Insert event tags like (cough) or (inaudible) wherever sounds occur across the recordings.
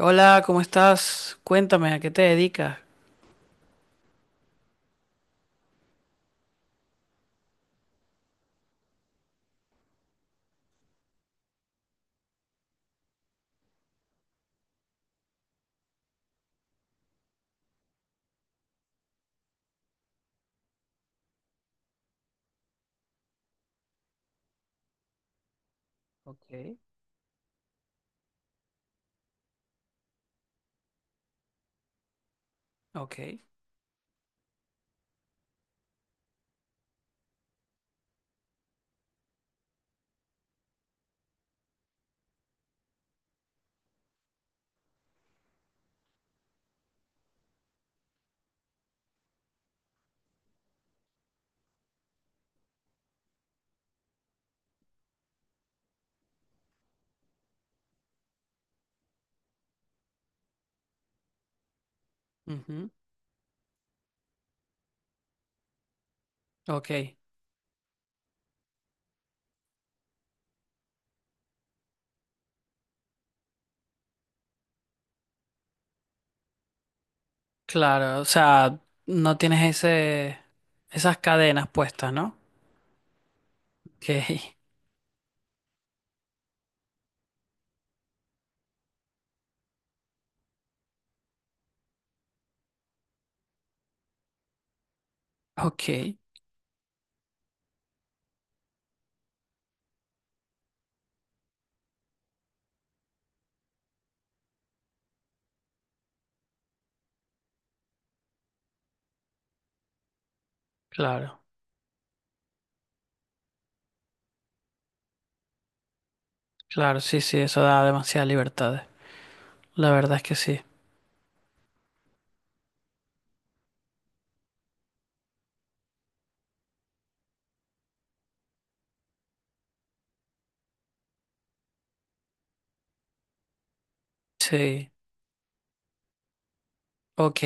Hola, ¿cómo estás? Cuéntame, ¿a qué te dedicas? Ok. Ok, ujú, ok, claro, o sea, no tienes ese, esas cadenas puestas, ¿no? Ok, (laughs) ok, claro, claro, sí, sí, eso da demasiadas libertades, la verdad es que sí, sí, ok,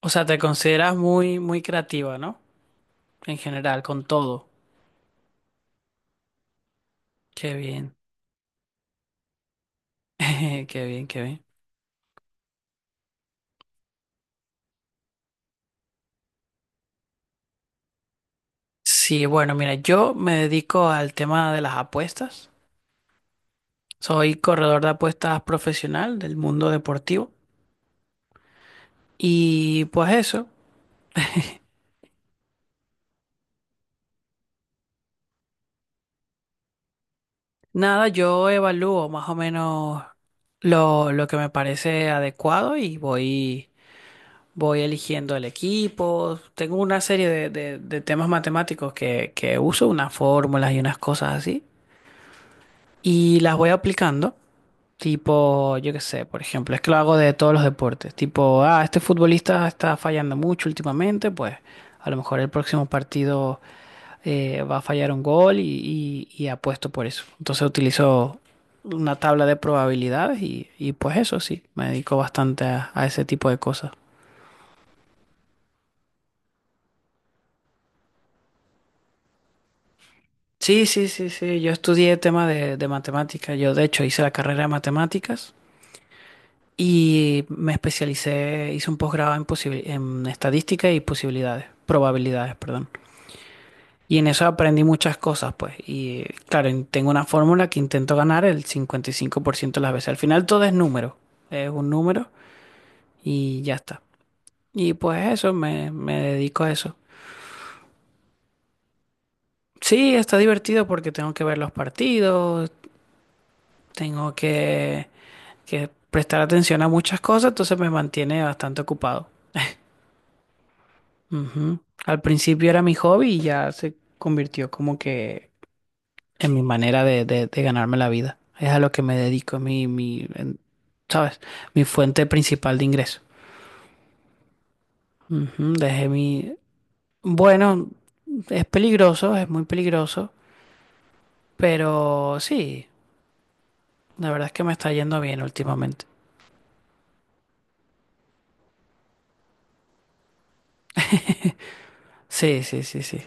o sea, te consideras muy creativa, ¿no? En general, con todo, qué bien, (laughs) qué bien, qué bien. Sí, bueno, mira, yo me dedico al tema de las apuestas. Soy corredor de apuestas profesional del mundo deportivo. Y pues eso, nada, yo evalúo más o menos lo que me parece adecuado y voy, voy eligiendo el equipo. Tengo una serie de, de temas matemáticos que uso, unas fórmulas y unas cosas así. Y las voy aplicando. Tipo, yo qué sé, por ejemplo, es que lo hago de todos los deportes. Tipo, ah, este futbolista está fallando mucho últimamente, pues a lo mejor el próximo partido va a fallar un gol y apuesto por eso. Entonces utilizo una tabla de probabilidades y pues eso sí, me dedico bastante a ese tipo de cosas. Sí, yo estudié el tema de matemáticas, yo de hecho hice la carrera de matemáticas y me especialicé, hice un posgrado en, en estadística y posibilidades, probabilidades, perdón. Y en eso aprendí muchas cosas, pues. Y claro, tengo una fórmula que intento ganar el 55% de las veces. Al final todo es número, es un número y ya está. Y pues eso, me dedico a eso. Sí, está divertido porque tengo que ver los partidos, tengo que prestar atención a muchas cosas, entonces me mantiene bastante ocupado. Ujú. Al principio era mi hobby y ya se convirtió como que en mi manera de, de ganarme la vida. Es a lo que me dedico, es mi, mi, ¿sabes? Mi fuente principal de ingreso. Ujú, dejé mi... Bueno, es peligroso, es muy peligroso. Pero sí, la verdad es que me está yendo bien últimamente. Sí, sí, sí, sí.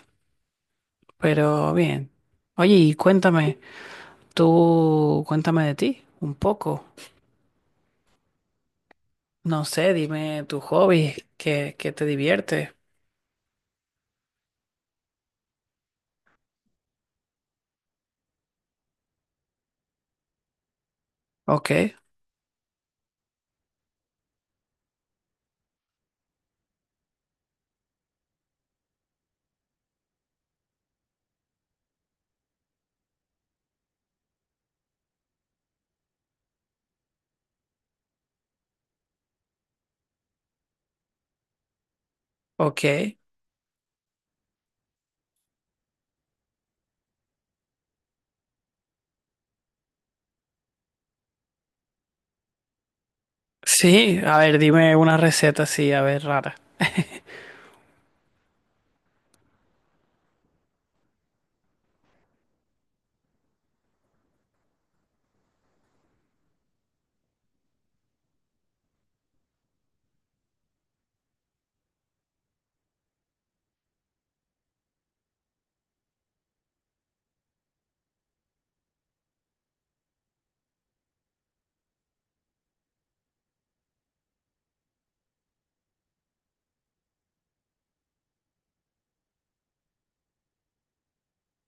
Pero bien. Oye, y cuéntame, tú cuéntame de ti un poco. No sé, dime tu hobby, qué, qué te divierte. Ok, ok. Sí, a ver, dime una receta así, a ver, rara.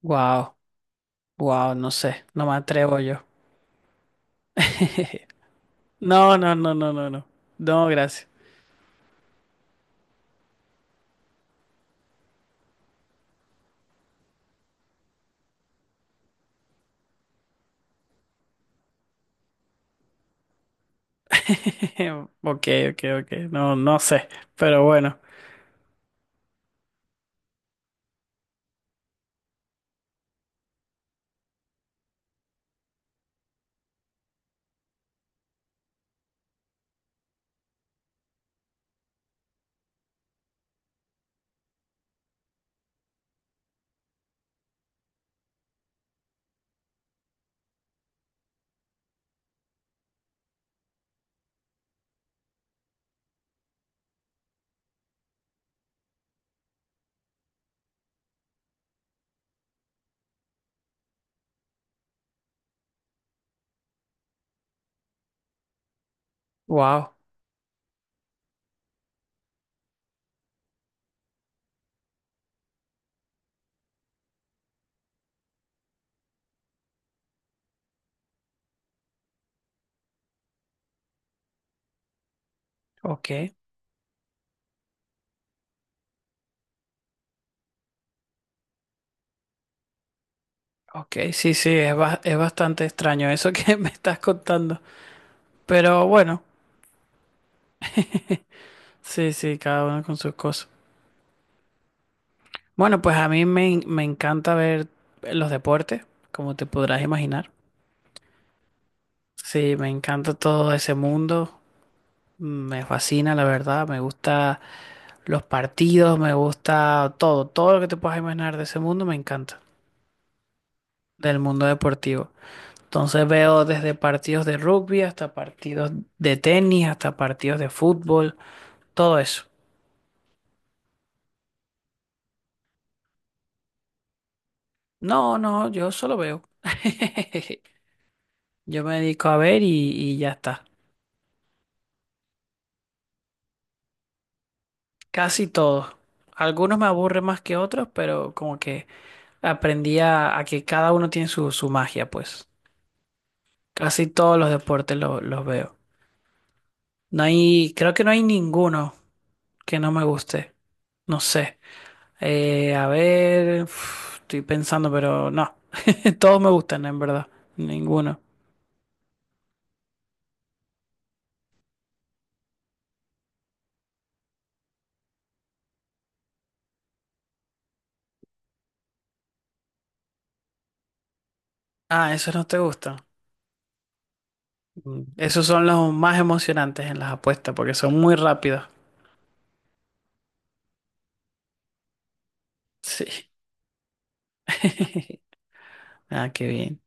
Wow, wow, no sé, no me atrevo yo. No, no, no, no, no, no. No, gracias. (laughs) Ok, ok, ok. No, no sé, pero bueno. Wow, ok. Ok, sí, sí, es, es bastante extraño eso que (laughs) me estás contando. Pero bueno, (laughs) sí, sí, cada uno con sus cosas. Bueno, pues a mí me, me encanta ver los deportes, como te podrás imaginar. Sí, me encanta todo ese mundo. Me fascina, la verdad. Me gusta los partidos, me gusta todo. Todo lo que te puedas imaginar de ese mundo me encanta, del mundo deportivo. Entonces veo desde partidos de rugby hasta partidos de tenis, hasta partidos de fútbol. Todo eso. No, no, yo solo veo. (laughs) Yo me dedico a ver y ya está. Casi todos. Algunos me aburren más que otros, pero como que aprendí a que cada uno tiene su, su magia, pues. Casi todos los deportes los veo. No hay, creo que no hay ninguno que no me guste. No sé. A ver, uf, estoy pensando, pero no. (laughs) Todos me gustan, en verdad. Ninguno. Ah, esos no te gustan. Esos son los más emocionantes en las apuestas porque son muy rápidos. Sí. (laughs) Ah, qué bien.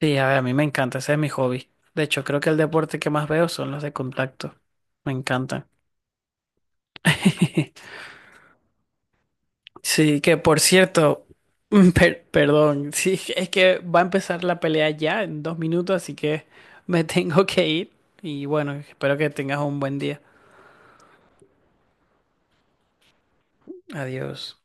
Sí, a ver, a mí me encanta, ese es mi hobby. De hecho, creo que el deporte que más veo son los de contacto. Me encantan. (laughs) Sí, que por cierto, (laughs) perdón, sí, es que va a empezar la pelea ya en 2 minutos, así que me (laughs) tengo que ir. Y bueno, espero que tengas un buen día. Adiós.